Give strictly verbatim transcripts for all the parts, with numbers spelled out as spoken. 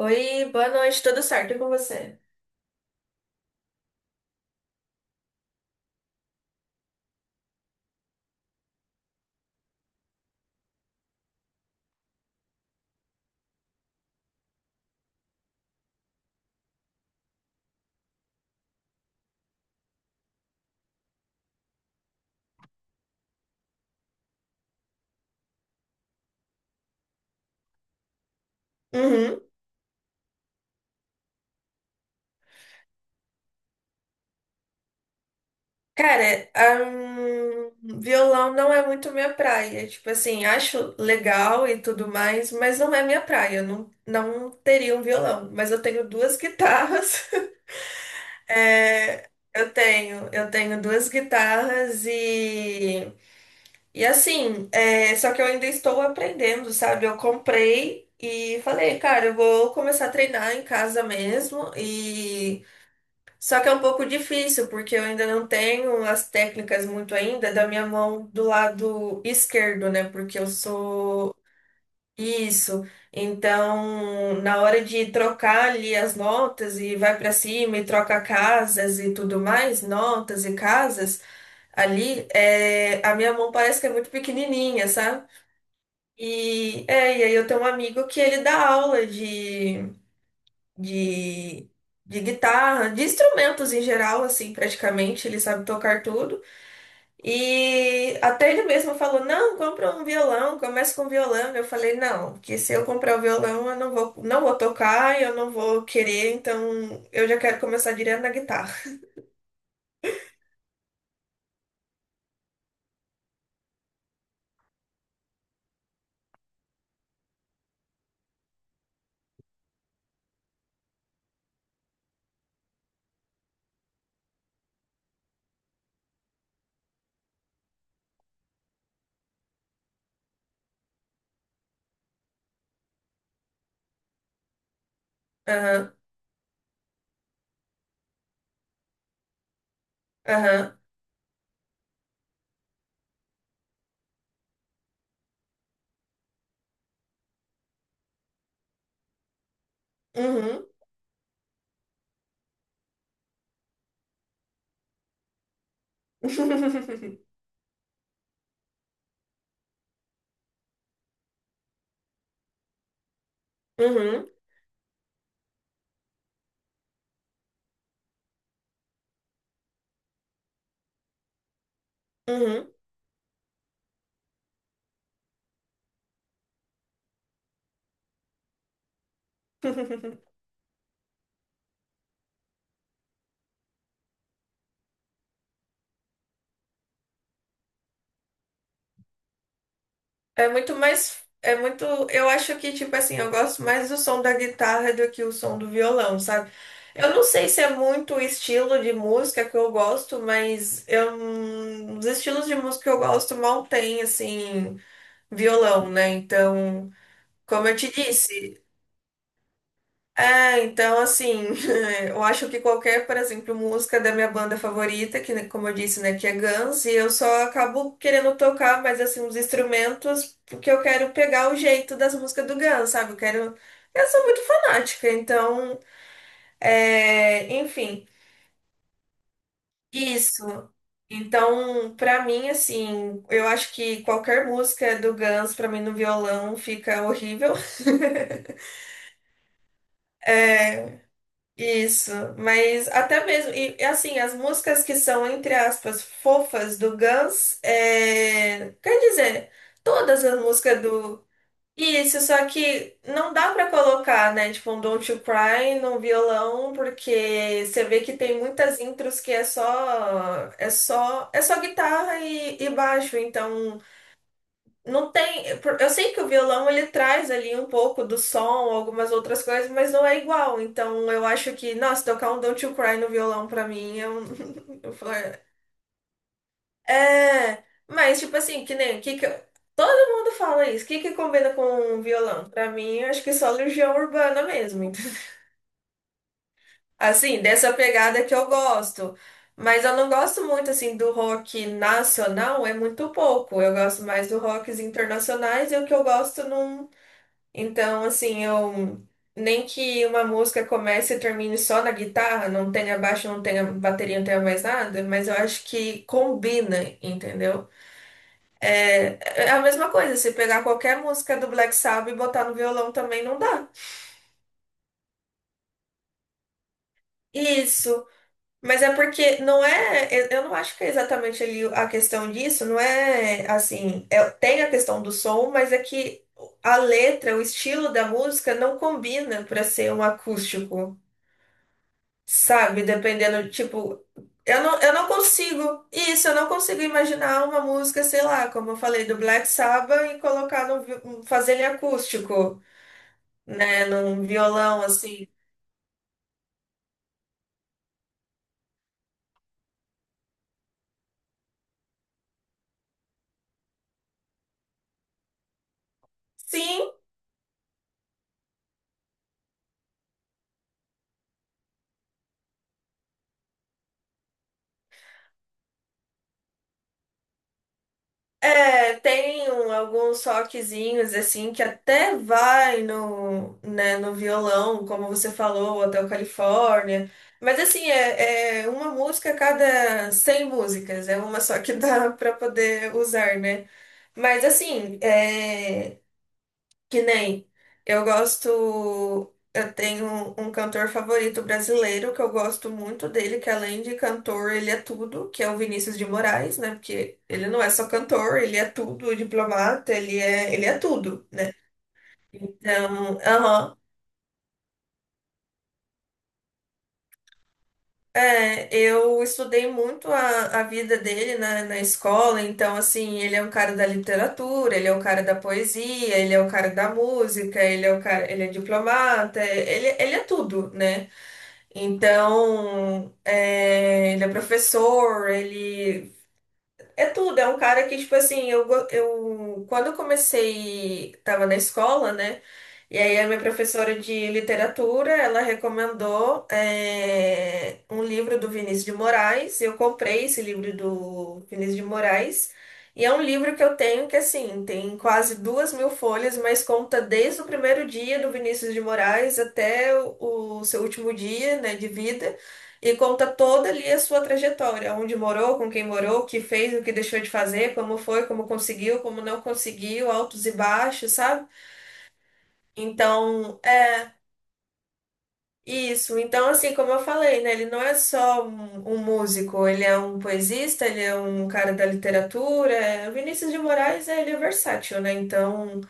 Oi, boa noite, tudo certo e com você? Uhum. Cara, ahn, violão não é muito minha praia. Tipo assim, acho legal e tudo mais, mas não é minha praia. Eu Não, não teria um violão, mas eu tenho duas guitarras. É, eu tenho, eu tenho duas guitarras e, e assim, é, só que eu ainda estou aprendendo, sabe? Eu comprei e falei, cara, eu vou começar a treinar em casa mesmo. E só que é um pouco difícil, porque eu ainda não tenho as técnicas muito ainda da minha mão do lado esquerdo, né? Porque eu sou isso. Então, na hora de trocar ali as notas e vai para cima e troca casas e tudo mais, notas e casas, ali, é... a minha mão parece que é muito pequenininha, sabe? E, é, e aí eu tenho um amigo que ele dá aula de de, de guitarra, de instrumentos em geral, assim, praticamente, ele sabe tocar tudo. E até ele mesmo falou: não, compra um violão, começa com violão. Eu falei: não, que se eu comprar o violão, eu não vou, não vou tocar, eu não vou querer, então eu já quero começar direto na guitarra. Aham, aham, uhum, uhum, uhum. É muito mais. É muito. Eu acho que, tipo assim, eu gosto mais do som da guitarra do que o som do violão, sabe? Eu não sei se é muito o estilo de música que eu gosto, mas eu, hum, os estilos de música que eu gosto mal tem, assim, violão, né? Então, como eu te disse. É, então, assim, eu acho que qualquer, por exemplo, música da minha banda favorita, que, né, como eu disse, né, que é Guns, e eu só acabo querendo tocar, mas, assim, os instrumentos, porque eu quero pegar o jeito das músicas do Guns, sabe? Eu quero... Eu sou muito fanática, então, é, enfim, isso. Então, pra mim, assim, eu acho que qualquer música do Guns, pra mim, no violão, fica horrível. Isso, mas até mesmo, e e, assim, as músicas que são, entre aspas, fofas do Guns, é, quer dizer, todas as músicas do. Isso, só que não dá pra colocar, né, tipo, um Don't You Cry no violão, porque você vê que tem muitas intros que é só, é só, é só guitarra e, e baixo, então. Não tem. Eu sei que o violão ele traz ali um pouco do som, algumas outras coisas, mas não é igual. Então eu acho que, nossa, tocar um Don't You Cry no violão pra mim é um. Eu falo, é, mas tipo assim, que nem. Que que eu- Todo mundo fala isso. O que que combina com um violão? Pra mim, eu acho que só Legião Urbana mesmo. Entendeu? Assim, dessa pegada que eu gosto. Mas eu não gosto muito assim do rock nacional, é muito pouco. Eu gosto mais do rocks internacionais e o que eu gosto não. Então, assim, eu nem que uma música comece e termine só na guitarra, não tenha baixo, não tenha bateria, não tenha mais nada, mas eu acho que combina, entendeu? É, é a mesma coisa, se pegar qualquer música do Black Sabbath e botar no violão também não dá. Isso, mas é porque não é, eu eu não acho que é exatamente ali a questão disso, não é assim, é- tem a questão do som, mas é que a letra, o estilo da música não combina para ser um acústico. Sabe, dependendo, tipo, eu não, eu não consigo, isso, eu não consigo imaginar uma música, sei lá, como eu falei, do Black Sabbath e colocar no, vi- um, fazer ele acústico, né, num violão, assim. Sim, é, tem um- alguns rockzinhos, assim, que até vai no, né, no violão, como você falou, Hotel Califórnia, mas assim, é, é uma música a cada cem músicas, é uma só que dá pra poder usar, né? Mas assim, é... que nem eu gosto. Eu tenho um cantor favorito brasileiro que eu gosto muito dele, que além de cantor, ele é tudo, que é o Vinícius de Moraes, né? Porque ele não é só cantor, ele é tudo, diplomata, ele é, ele é tudo. Então, aham. É, eu estudei muito a, a vida dele na, na escola, então, assim, ele é um cara da literatura, ele é um cara da poesia, ele é um cara da música, ele é um cara, ele é diplomata, ele, ele é tudo, né? Então, é, ele é professor, ele é tudo, é um cara que, tipo assim, eu, go- eu quando eu comecei, tava na escola, né? E aí a minha professora de literatura, ela recomendou eh, um livro do Vinícius de Moraes. Eu comprei esse livro do Vinícius de Moraes. E é um livro que eu tenho que, assim, tem quase duas mil folhas, mas conta desde o primeiro dia do Vinícius de Moraes até o, o seu último dia, né, de vida. E conta toda ali a sua trajetória, onde morou, com quem morou, o que fez, o que deixou de fazer, como foi, como conseguiu, como não conseguiu, altos e baixos, sabe? Então, é isso. Então, assim, como eu falei, né? Ele não é só um, um músico, ele é um poesista, ele é um cara da literatura. é- O Vinícius de Moraes, é, ele é versátil, né? Então,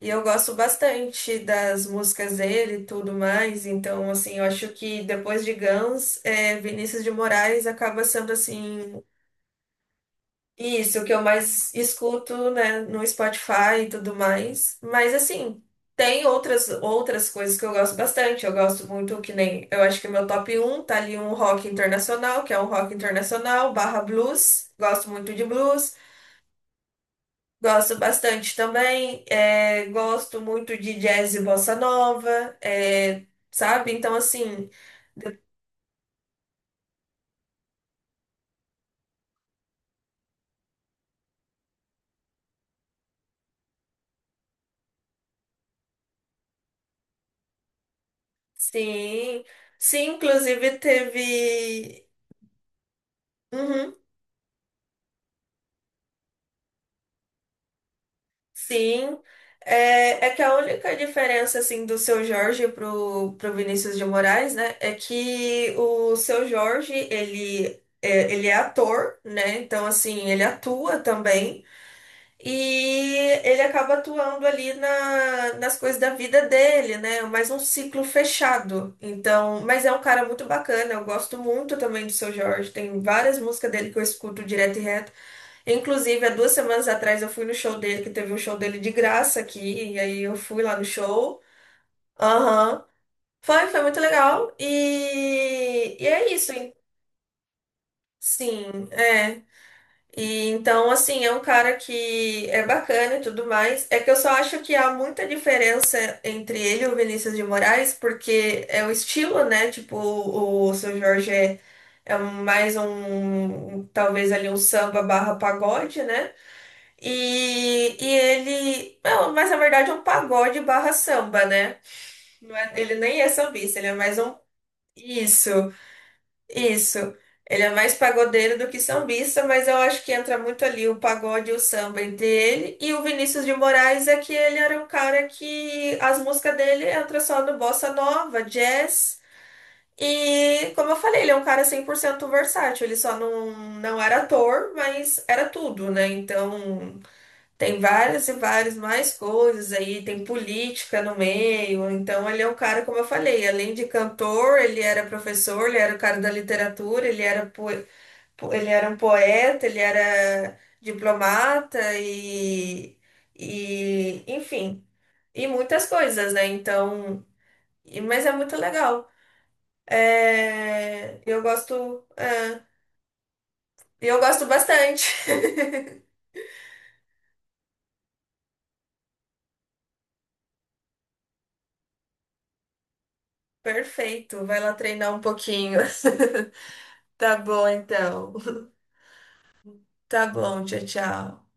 e eu gosto bastante das músicas dele e tudo mais. Então, assim, eu acho que depois de Guns, é, Vinícius de Moraes acaba sendo assim. Isso, o que eu mais escuto, né, no Spotify e tudo mais. Mas assim, tem outras outras coisas que eu gosto bastante. Eu gosto muito que nem, eu acho que meu top um tá ali um rock internacional, que é um rock internacional barra blues. Gosto muito de blues. Gosto bastante também. é, gosto muito de jazz e bossa nova, é, sabe? Então assim, sim, sim, inclusive teve uhum. Sim, é, é que a única diferença assim do seu Jorge pro, pro Vinícius de Moraes, né, é que o seu Jorge, ele é, ele é ator, né? Então assim, ele atua também e ele acaba atuando ali na, nas coisas da vida dele, né? Mais um ciclo fechado. Então, mas é um cara muito bacana, eu gosto muito também do seu Jorge, tem várias músicas dele que eu escuto direto e reto. Inclusive, há duas semanas atrás eu fui no show dele, que teve um show dele de graça aqui, e aí eu fui lá no show. Aham. Foi, foi muito legal. E, e é isso, hein? Sim, é. E então, assim, é um cara que é bacana e tudo mais. É que eu só acho que há muita diferença entre ele e o Vinícius de Moraes, porque é o estilo, né? Tipo, o, o Seu Jorge é, é mais um, um, talvez ali um samba barra pagode, né? E, e ele. Não, mas na verdade é um pagode barra samba, né? Não é- ele nem é sambista, ele é mais um. Isso, isso. Ele é mais pagodeiro do que sambista, mas eu acho que entra muito ali o pagode e o samba entre ele. E o Vinícius de Moraes é que ele era um cara que as músicas dele entram só no bossa nova, jazz. E, como eu falei, ele é um cara cem por cento versátil. Ele só não, não era ator, mas era tudo, né? Então. Tem várias e várias mais coisas aí, tem política no meio. Então, ele é um cara, como eu falei, além de cantor, ele era professor, ele era o cara da literatura, ele era, po- po- ele era um poeta, ele era diplomata e, e, enfim, e muitas coisas, né? Então, e- mas é muito legal. É, eu gosto, é, eu gosto bastante. Perfeito, vai lá treinar um pouquinho. Tá bom, então. Tá bom, tchau, tchau.